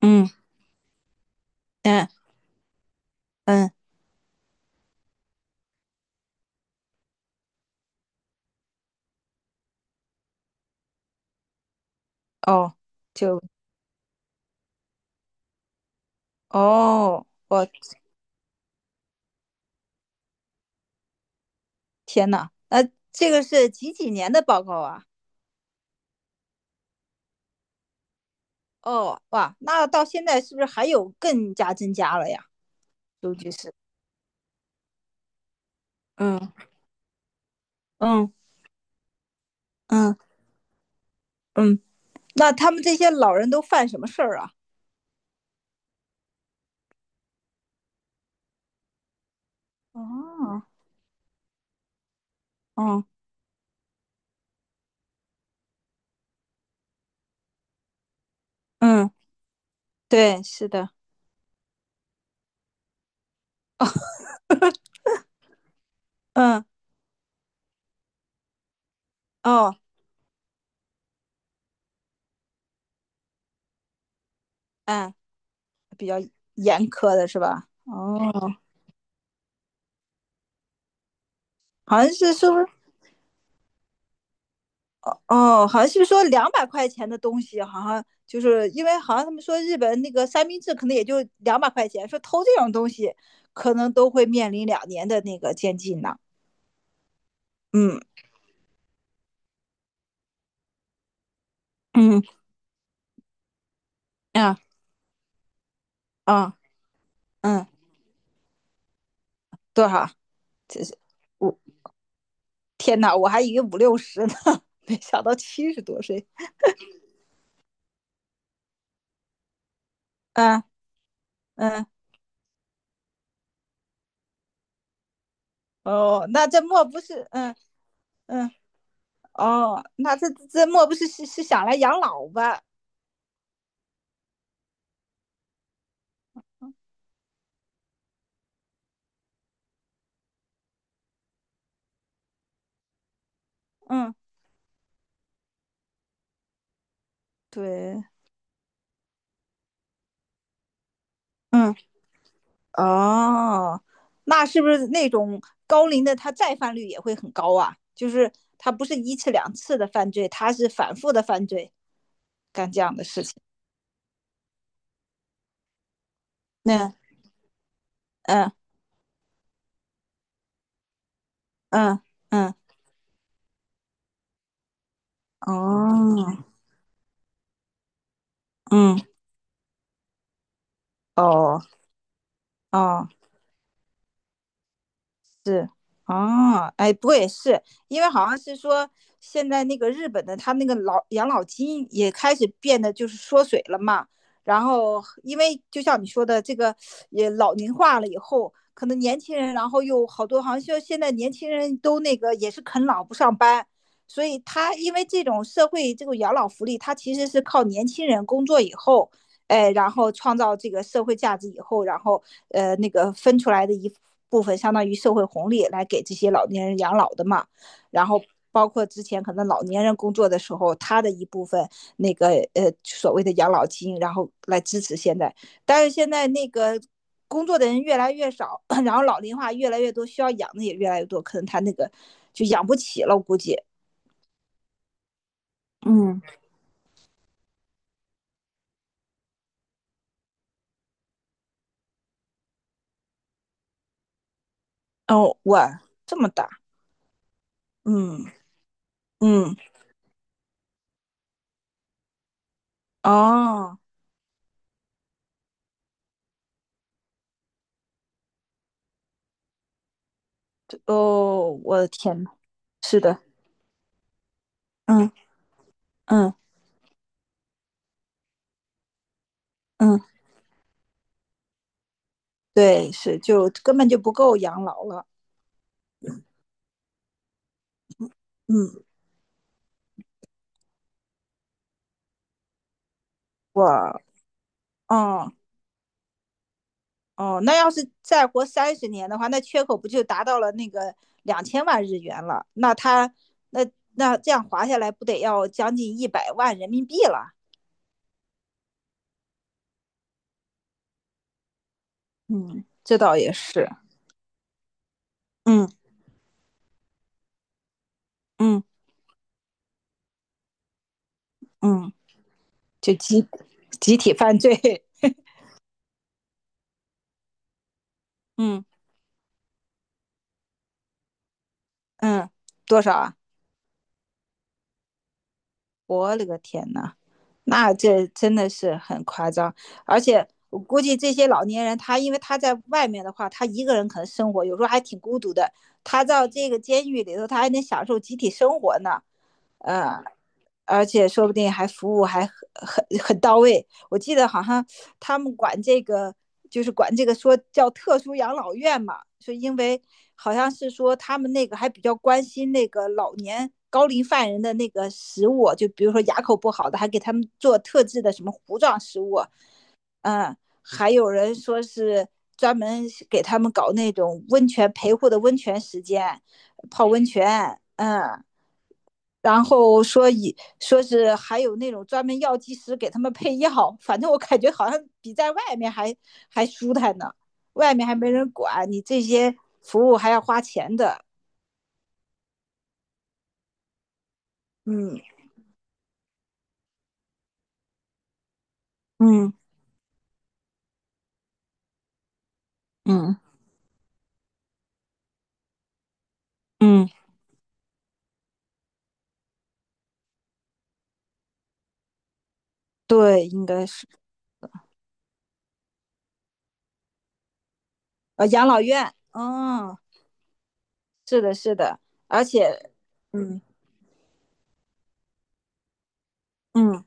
嗯，嗯嗯，哦，就哦，天呐，那这个是几几年的报告啊？哦，哇，那到现在是不是还有更加增加了呀？估计是。嗯嗯嗯嗯，那他们这些老人都犯什么事儿啊？哦。哦，嗯，对，是的。嗯，哦，嗯，比较严苛的是吧？哦，好像是是不是？哦，好像是不是说两百块钱的东西，好像就是因为好像他们说日本那个三明治可能也就两百块钱，说偷这种东西可能都会面临2年的那个监禁呢。嗯嗯啊啊嗯，多少？这是我天哪，我还以为五六十呢，没想到70多岁。嗯嗯哦，那这莫不是嗯嗯哦，那这莫不是是想来养老吧？嗯，对，嗯。哦，那是不是那种高龄的他再犯率也会很高啊？就是他不是一次两次的犯罪，他是反复的犯罪，干这样的事情。那嗯嗯嗯嗯哦，嗯哦哦。是，哦，哎，不过也是，因为好像是说现在那个日本的他那个养老金也开始变得就是缩水了嘛。然后，因为就像你说的，这个也老龄化了以后，可能年轻人，然后又好多，好像就现在年轻人都那个也是啃老不上班，所以他因为这种社会这种养老福利，他其实是靠年轻人工作以后，哎，然后创造这个社会价值以后，然后那个分出来的一部分，相当于社会红利来给这些老年人养老的嘛。然后包括之前可能老年人工作的时候，他的一部分那个所谓的养老金，然后来支持现在。但是现在那个工作的人越来越少，然后老龄化越来越多，需要养的也越来越多，可能他那个就养不起了，我估计。嗯，哦，哇，这么大。嗯嗯，哦。哦，我的天呐，是的。嗯嗯嗯，对，是就根本就不够养老了。嗯，我，哦哦，那要是再活30年的话，那缺口不就达到了那个2000万日元了？那这样划下来，不得要将近100万人民币了？嗯，这倒也是。嗯嗯嗯，就集体犯罪。嗯嗯，多少啊？我勒个天呐！那这真的是很夸张，而且我估计这些老年人，他因为他在外面的话，他一个人可能生活有时候还挺孤独的，他到这个监狱里头，他还能享受集体生活呢。嗯。而且说不定还服务还很到位。我记得好像他们管这个就是管这个说叫特殊养老院嘛，是因为好像是说他们那个还比较关心那个老年高龄犯人的那个食物，就比如说牙口不好的，还给他们做特制的什么糊状食物。嗯，还有人说是专门给他们搞那种温泉陪护的温泉时间，泡温泉。嗯。然后说说是还有那种专门药剂师给他们配药，反正我感觉好像比在外面还舒坦呢。外面还没人管你这些服务还要花钱的。嗯嗯嗯嗯，对，应该是养老院。嗯，是的，是的，而且。嗯嗯。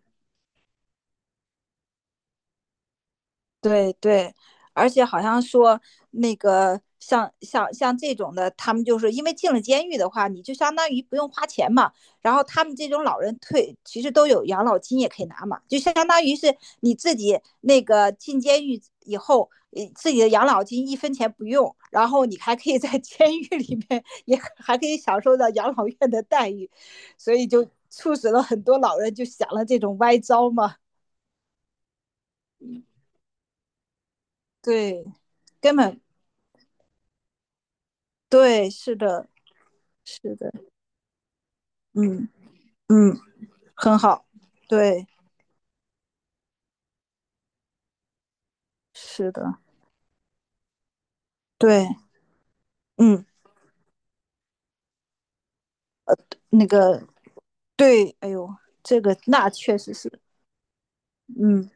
对对，而且好像说那个像这种的，他们就是因为进了监狱的话，你就相当于不用花钱嘛。然后他们这种老人其实都有养老金也可以拿嘛，就相当于是你自己那个进监狱以后，自己的养老金一分钱不用，然后你还可以在 监狱里面也还可以享受到养老院的待遇，所以就促使了很多老人就想了这种歪招嘛。对，根本对，是的。是的，嗯嗯，很好，对，是的，对，嗯，那个对，哎呦，这个那确实是。嗯，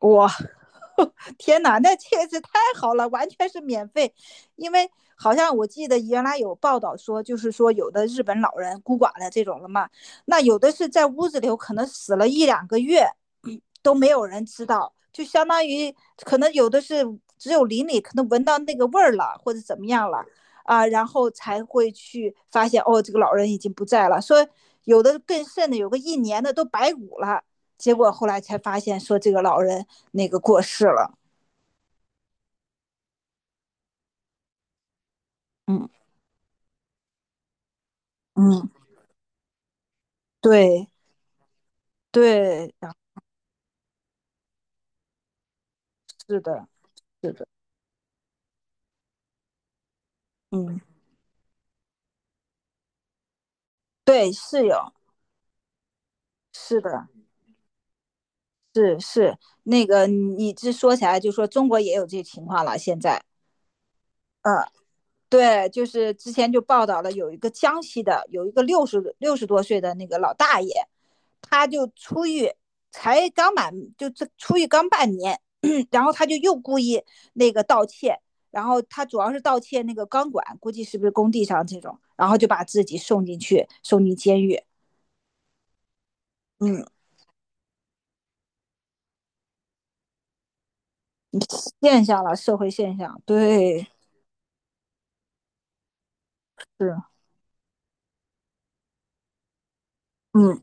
哇，天哪，那确实太好了，完全是免费。因为好像我记得原来有报道说，就是说有的日本老人孤寡的这种了嘛，那有的是在屋子里可能死了一两个月，都没有人知道，就相当于可能有的是只有邻里可能闻到那个味儿了，或者怎么样了啊，然后才会去发现哦，这个老人已经不在了。说有的更甚的，有个一年的都白骨了。结果后来才发现说这个老人那个过世了。嗯嗯，对对，啊是的，是的，嗯，对，是有，是的，是是那个你这说起来就说中国也有这情况了，现在。嗯对，就是之前就报道了，有一个江西的，有一个60多岁的那个老大爷，他就出狱，才刚满就这出狱刚半年，然后他就又故意那个盗窃，然后他主要是盗窃那个钢管，估计是不是工地上这种，然后就把自己送进去，送进监狱。嗯，现象了，社会现象，对。是，嗯，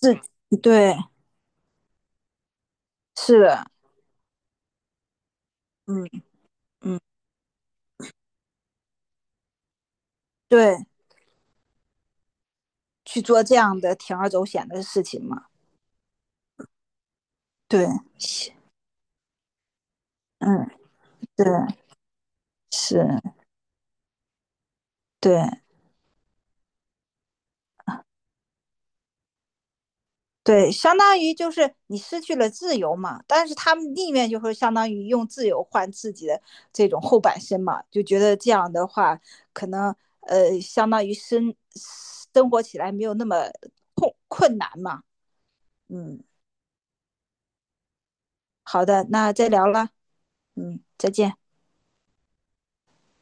是，对，是的，嗯嗯，对，去做这样的铤而走险的事情嘛。对，是，嗯，对，是，对，对，相当于就是你失去了自由嘛，但是他们宁愿就是相当于用自由换自己的这种后半生嘛，就觉得这样的话，可能，相当于生活起来没有那么困难嘛。嗯，好的，那再聊了。嗯，再见。